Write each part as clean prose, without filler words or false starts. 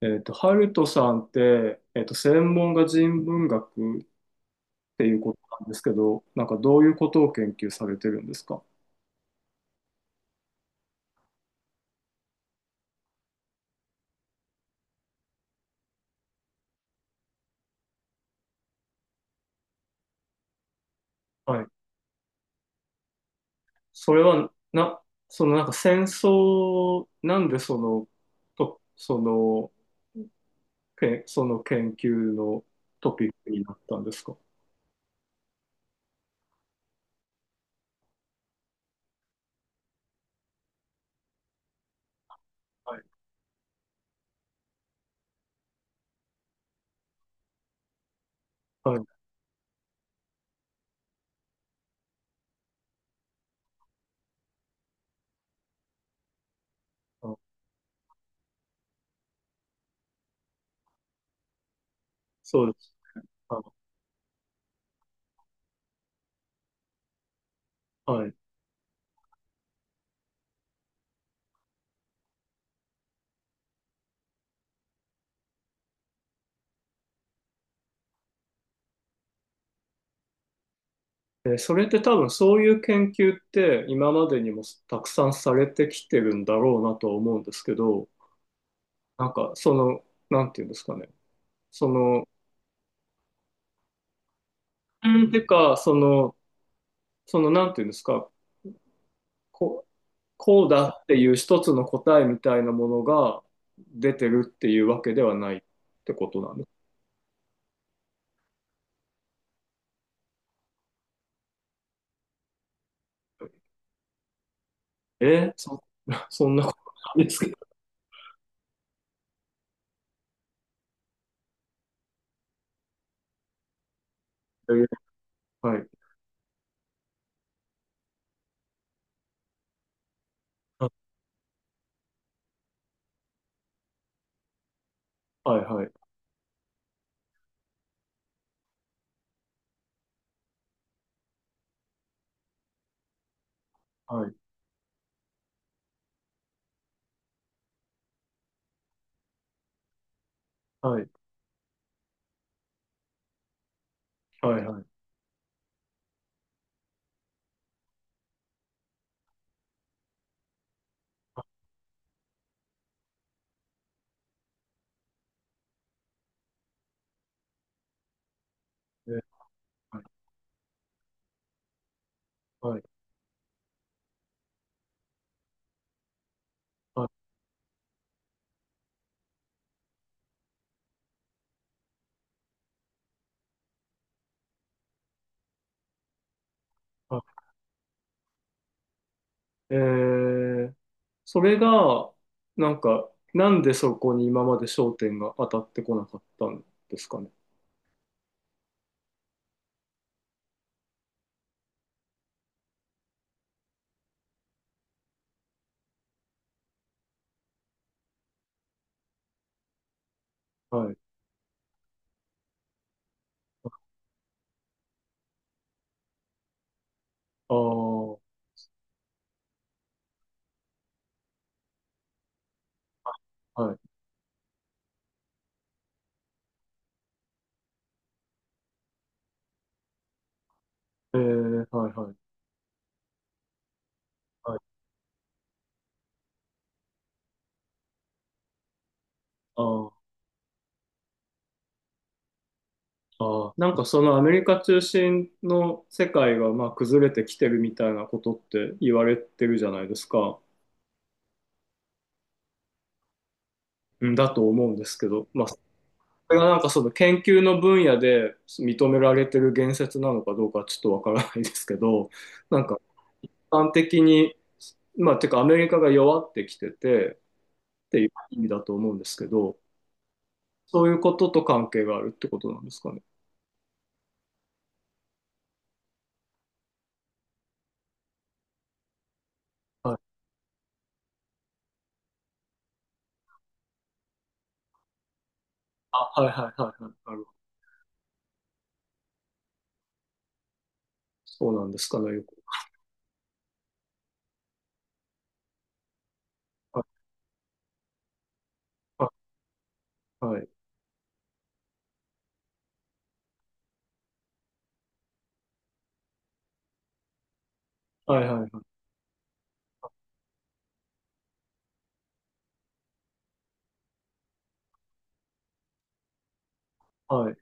ハルトさんって、専門が人文学っていうことなんですけど、なんかどういうことを研究されてるんですか？はい。それは、そのなんか戦争、なんでその、と、その、け、その研究のトピックになったんですか？はい。はい。あ、そうです。あ、はい。それって多分そういう研究って今までにもたくさんされてきてるんだろうなとは思うんですけど、なんか、その、なんていうんですかね。その、うんてか、その、なんていうんですか、こう、こうだっていう一つの答えみたいなものが出てるっていうわけではないってことなんですよ。えーそ、そんなことないですけど。えーはい。あ、はいはい。はい。はい。はい。はい。えーはい。はい。はい。ーそれが、なんか、なんでそこに今まで焦点が当たってこなかったんですかね。はい。ああ、はい。はい、はい。はい。ああ、ああ。なんかそのアメリカ中心の世界がまあ崩れてきてるみたいなことって言われてるじゃないですか。うん、だと思うんですけど、まあ、それがなんかその研究の分野で認められてる言説なのかどうかちょっとわからないですけど、なんか一般的に、まあ、てかアメリカが弱ってきててっていう意味だと思うんですけど、そういうことと関係があるってことなんですかね。あ、はいはいはいはい。なるほど。そうなんですかね、よく。はいはいはいはいはいはい。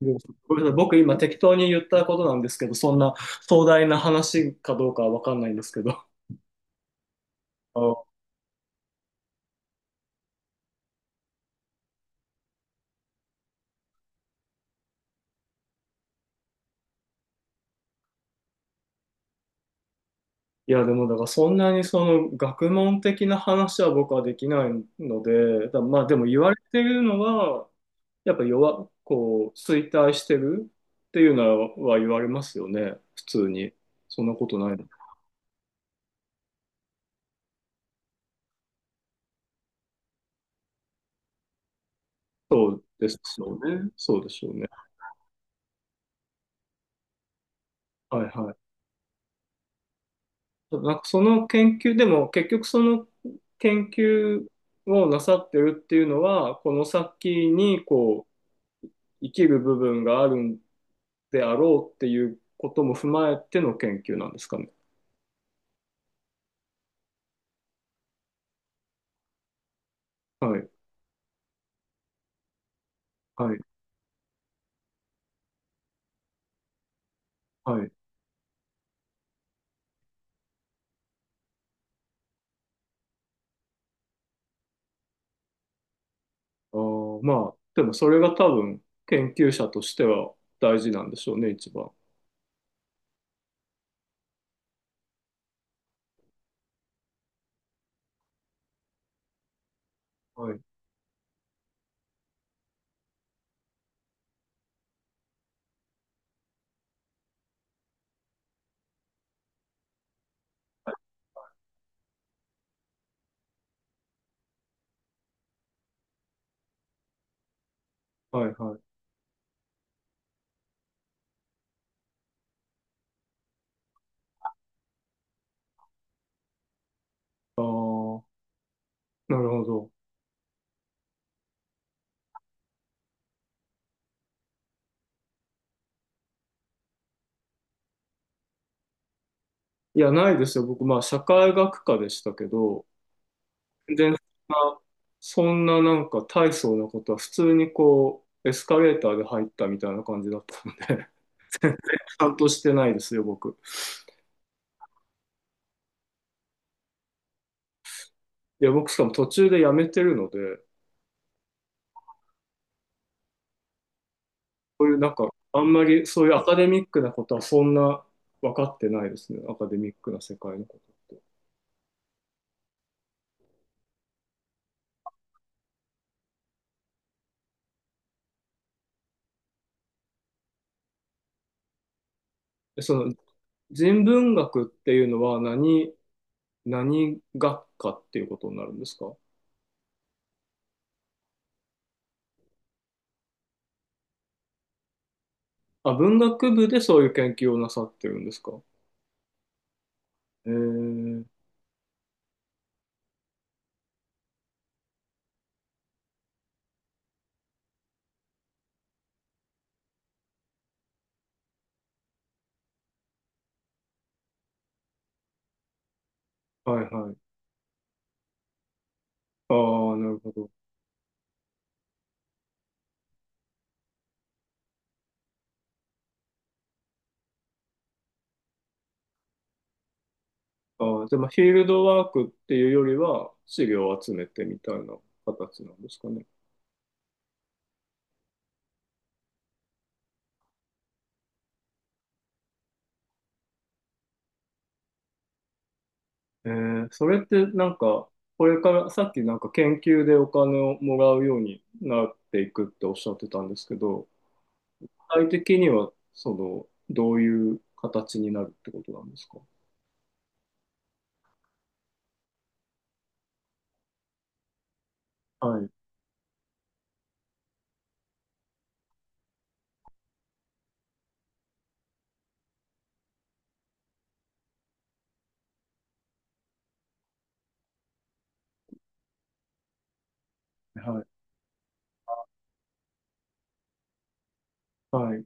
でもごめんなさい。僕今適当に言ったことなんですけど、そんな壮大な話かどうかはわかんないんですけど。あ、いや、でもだからそんなにその学問的な話は僕はできないので、まあでも言われてるのは、やっぱこう、衰退してるっていうのは言われますよね、普通に。そんなことないの。そうですよね。そうでしょうね。はいはい。なんかその研究でも結局その研究をなさってるっていうのはこの先にこう生きる部分があるんであろうっていうことも踏まえての研究なんですかね。はいはいはい。あー、まあでもそれが多分研究者としては大事なんでしょうね、一番。はいはいはい。ああ、なるほど。いや、ないですよ。僕まあ社会学科でしたけど。全然そんな、そんななんか大層なことは普通にこう、エスカレーターで入ったみたいな感じだったので、ちゃんとしてないですよ、僕。いや、僕しかも途中で辞めてるので、こういうなんか、あんまりそういうアカデミックなことはそんな分かってないですね、アカデミックな世界のことって。でその人文学っていうのは何学科っていうことになるんですか？あ、文学部でそういう研究をなさってるんですか？えー、はいはい。ああ、なるほど。ああ、じゃあ、まあ、フィールドワークっていうよりは、資料を集めてみたいな形なんですかね。それってなんか、これからさっきなんか研究でお金をもらうようになっていくっておっしゃってたんですけど、具体的には、その、どういう形になるってことなんですか？はい、はい、はい。